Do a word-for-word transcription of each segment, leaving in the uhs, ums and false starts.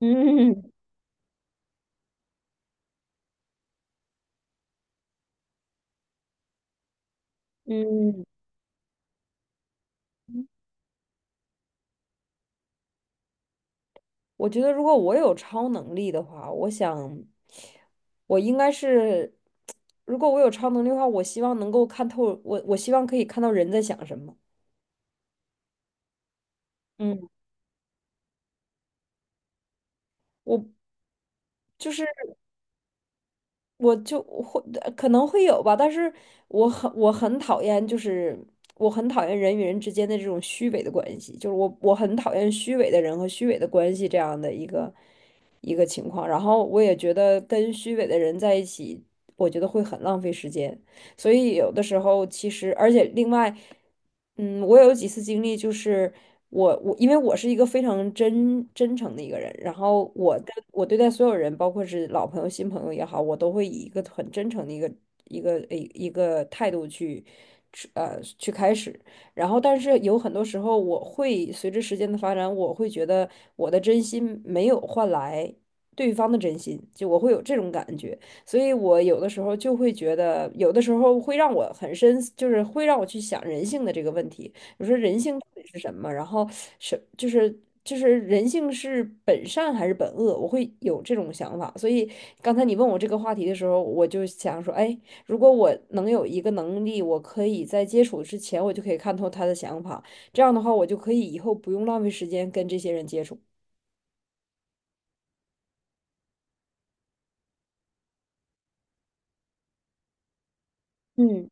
嗯嗯，我觉得如果我有超能力的话，我想我应该是，如果我有超能力的话，我希望能够看透，我我希望可以看到人在想什么。嗯，我就是。我就会呃可能会有吧，但是我很我很讨厌，就是我很讨厌人与人之间的这种虚伪的关系，就是我我很讨厌虚伪的人和虚伪的关系这样的一个一个情况。然后我也觉得跟虚伪的人在一起，我觉得会很浪费时间。所以有的时候其实，而且另外，嗯，我有几次经历，就是我我因为我是一个非常真真诚的一个人，然后我跟我对待所有人，包括是老朋友、新朋友也好，我都会以一个很真诚的一个一个一一个态度去。去呃，去开始，然后但是有很多时候，我会随着时间的发展，我会觉得我的真心没有换来对方的真心，就我会有这种感觉。所以我有的时候就会觉得，有的时候会让我很深，就是会让我去想人性的这个问题。我说人性到底是什么？然后是就是就是人性是本善还是本恶？我会有这种想法。所以刚才你问我这个话题的时候，我就想说，哎，如果我能有一个能力，我可以在接触之前，我就可以看透他的想法，这样的话，我就可以以后不用浪费时间跟这些人接触。嗯。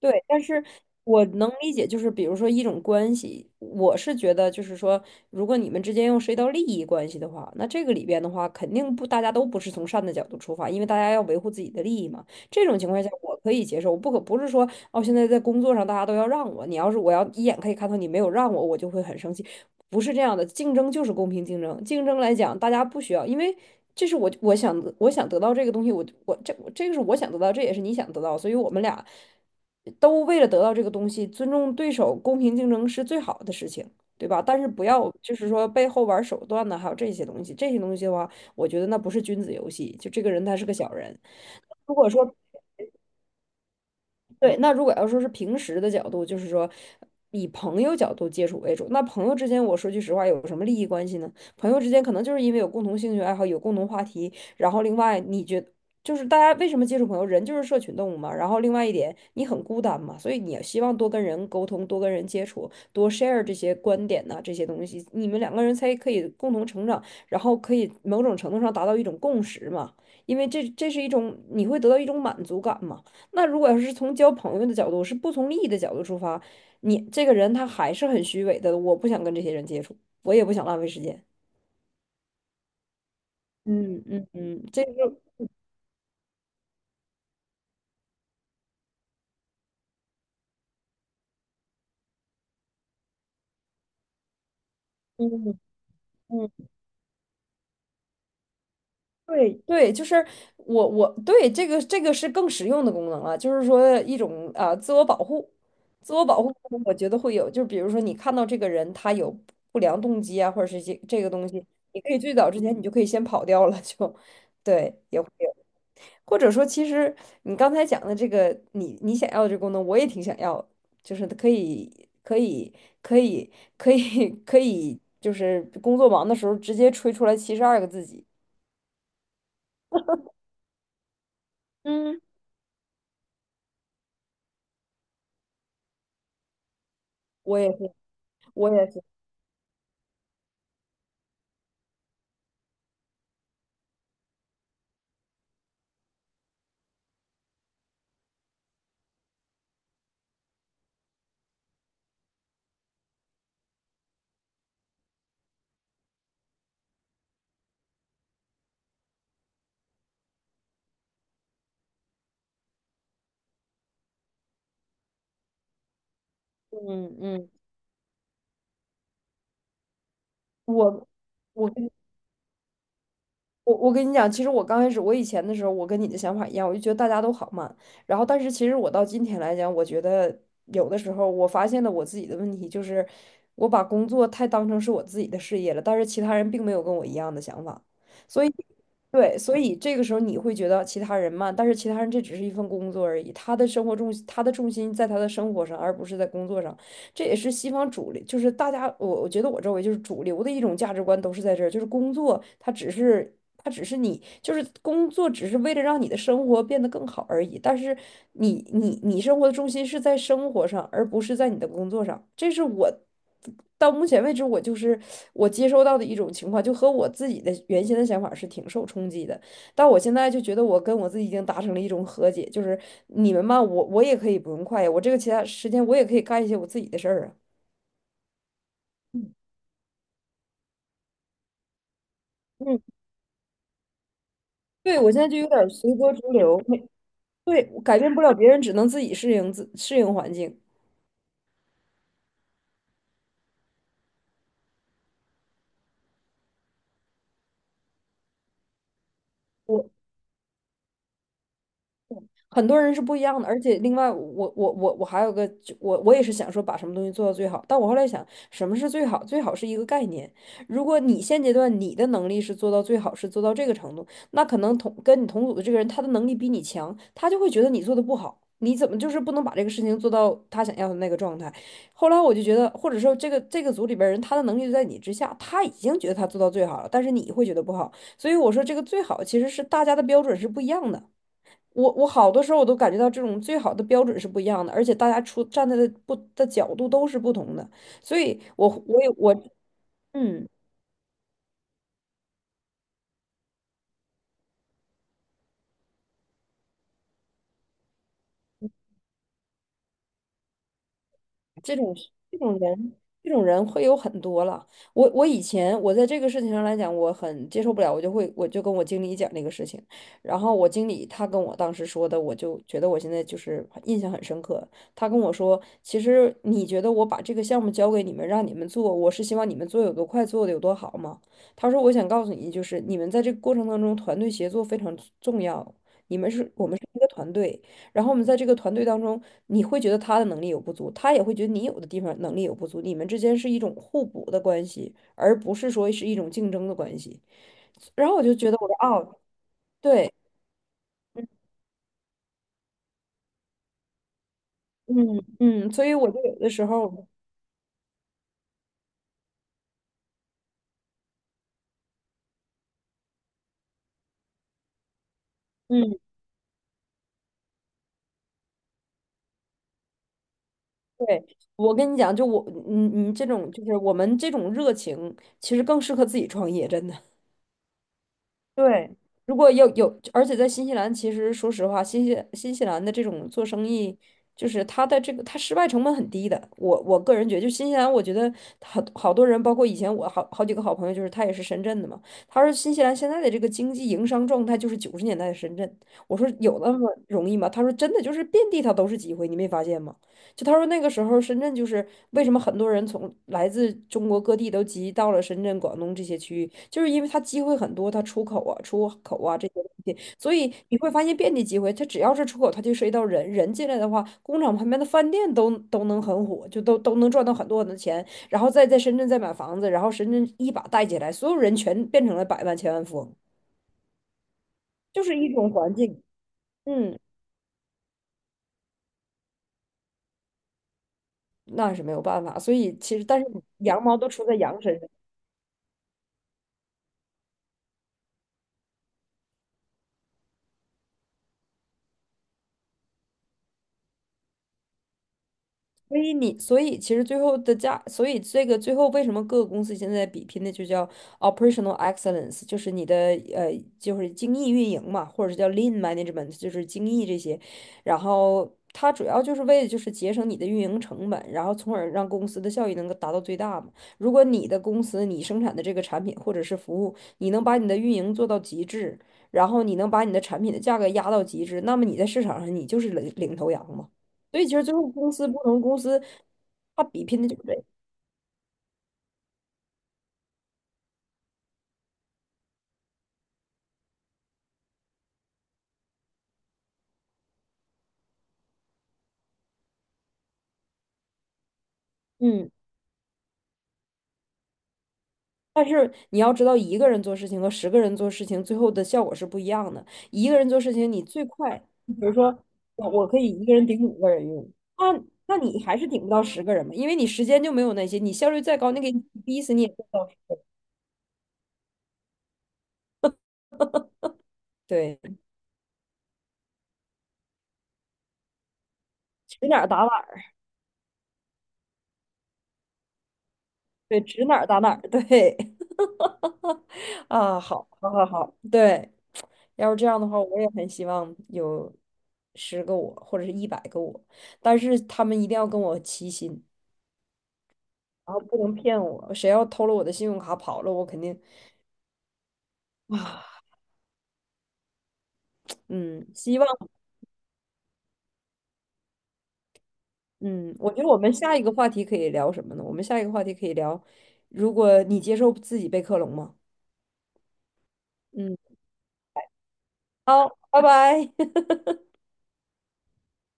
对，但是我能理解，就是比如说一种关系，我是觉得就是说，如果你们之间又涉及到利益关系的话，那这个里边的话，肯定不，大家都不是从善的角度出发，因为大家要维护自己的利益嘛。这种情况下，我可以接受。我不可，不是说哦，现在在工作上大家都要让我，你要是我要一眼可以看到你没有让我，我就会很生气。不是这样的，竞争就是公平竞争。竞争来讲，大家不需要，因为这是我，我想我想得到这个东西，我我这这个是我想得到，这也是你想得到，所以我们俩都为了得到这个东西，尊重对手，公平竞争是最好的事情，对吧？但是不要就是说背后玩手段呢，还有这些东西，这些东西的话，我觉得那不是君子游戏，就这个人他是个小人。如果说，对，那如果要说是平时的角度，就是说以朋友角度接触为主，那朋友之间，我说句实话，有什么利益关系呢？朋友之间可能就是因为有共同兴趣爱好，有共同话题，然后另外你觉，就是大家为什么接触朋友？人就是社群动物嘛。然后另外一点，你很孤单嘛，所以你也希望多跟人沟通，多跟人接触，多 share 这些观点呐、这些东西，你们两个人才可以共同成长，然后可以某种程度上达到一种共识嘛。因为这这是一种你会得到一种满足感嘛。那如果要是从交朋友的角度，是不从利益的角度出发，你这个人他还是很虚伪的，我不想跟这些人接触，我也不想浪费时间。嗯嗯嗯，嗯，这个，对对，就是我我对这个这个是更实用的功能了，就是说一种啊、呃自我保护，自我保护功能我觉得会有，就比如说你看到这个人他有不良动机啊，或者是这这个东西，你可以最早之前你就可以先跑掉了，就，对，也会有，或者说其实你刚才讲的这个，你你想要的这个功能，我也挺想要的，就是可以可以可以可以可以，就是工作忙的时候直接吹出来七十二个自己。嗯。我也是，我也是，嗯嗯，我我跟我我跟你讲，其实我刚开始，我以前的时候，我跟你的想法一样，我就觉得大家都好慢。然后，但是其实我到今天来讲，我觉得有的时候我发现了我自己的问题，就是我把工作太当成是我自己的事业了，但是其他人并没有跟我一样的想法，所以。对，所以这个时候你会觉得其他人慢，但是其他人这只是一份工作而已，他的生活重，他的重心在他的生活上，而不是在工作上。这也是西方主流，就是大家，我我觉得我周围就是主流的一种价值观都是在这儿，就是工作它只是，它只是你，就是工作只是为了让你的生活变得更好而已，但是你你你生活的重心是在生活上，而不是在你的工作上，这是我。到目前为止，我就是我接收到的一种情况，就和我自己的原先的想法是挺受冲击的。但我现在就觉得我跟我自己已经达成了一种和解，就是你们嘛，我，我也可以不用快呀，我这个其他时间我也可以干一些我自己的事儿啊。嗯，嗯，对，我现在就有点儿随波逐流，没，对，我改变不了别人，只能自己适应，自适应环境。我。很多人是不一样的，而且另外我我我我还有个，就我我也是想说把什么东西做到最好，但我后来想什么是最好？最好是一个概念。如果你现阶段你的能力是做到最好，是做到这个程度，那可能同跟你同组的这个人他的能力比你强，他就会觉得你做的不好，你怎么就是不能把这个事情做到他想要的那个状态？后来我就觉得，或者说这个这个组里边人他的能力就在你之下，他已经觉得他做到最好了，但是你会觉得不好，所以我说这个最好其实是大家的标准是不一样的。我，我好多时候我都感觉到这种最好的标准是不一样的，而且大家出站在的不的角度都是不同的，所以我我也我嗯。这种这种人，这种人会有很多了。我我以前我在这个事情上来讲，我很接受不了，我就会我就跟我经理讲这个事情，然后我经理他跟我当时说的，我就觉得我现在就是印象很深刻。他跟我说，其实你觉得我把这个项目交给你们，让你们做，我是希望你们做有多快，做的有多好吗？他说，我想告诉你，就是你们在这个过程当中，团队协作非常重要。你们是我们是一个团队，然后我们在这个团队当中，你会觉得他的能力有不足，他也会觉得你有的地方能力有不足，你们之间是一种互补的关系，而不是说是一种竞争的关系。然后我就觉得我说哦，对，嗯嗯嗯，所以我就有的时候，嗯，对，我跟你讲，就我你你这种就是我们这种热情，其实更适合自己创业，真的。对，如果要有，而且在新西兰，其实说实话，新西新西兰的这种做生意，就是它的这个它失败成本很低的。我我个人觉得，就新西兰，我觉得好好多人，包括以前我好好几个好朋友，就是他也是深圳的嘛。他说新西兰现在的这个经济营商状态就是九十年代的深圳。我说有那么容易吗？他说真的就是遍地他都是机会，你没发现吗？就他说那个时候深圳就是为什么很多人从来自中国各地都集到了深圳、广东这些区域，就是因为它机会很多，它出口啊、出口啊这些东西，所以你会发现遍地机会。它只要是出口，它就涉及到人，人进来的话，工厂旁边的饭店都都能很火，就都都能赚到很多很多钱，然后再在深圳再买房子，然后深圳一把带起来，所有人全变成了百万千万富翁，就是一种环境。嗯，那是没有办法，所以其实但是羊毛都出在羊身上。所以你，所以其实最后的价，所以这个最后为什么各个公司现在比拼的就叫 operational excellence，就是你的呃，就是精益运营嘛，或者是叫 lean management，就是精益这些。然后它主要就是为了就是节省你的运营成本，然后从而让公司的效益能够达到最大嘛。如果你的公司你生产的这个产品或者是服务，你能把你的运营做到极致，然后你能把你的产品的价格压到极致，那么你在市场上你就是领领头羊嘛。所以其实最后公司不同公司，他比拼的就是这个。嗯，但是你要知道，一个人做事情和十个人做事情，最后的效果是不一样的。一个人做事情，你最快，比如说我我可以一个人顶五个人用，那那你还是顶不到十个人嘛，因为你时间就没有那些，你效率再高，那个逼死你也做不到。对，指哪儿打哪儿，对，指哪儿打哪儿，对，啊，好，好，好，好，对。要是这样的话，我也很希望有十个我或者是一百个我，但是他们一定要跟我齐心，然后不能骗我。谁要偷了我的信用卡跑了，我肯定啊，嗯，希望，嗯，我觉得我们下一个话题可以聊什么呢？我们下一个话题可以聊，如果你接受自己被克隆吗？嗯，好，拜拜。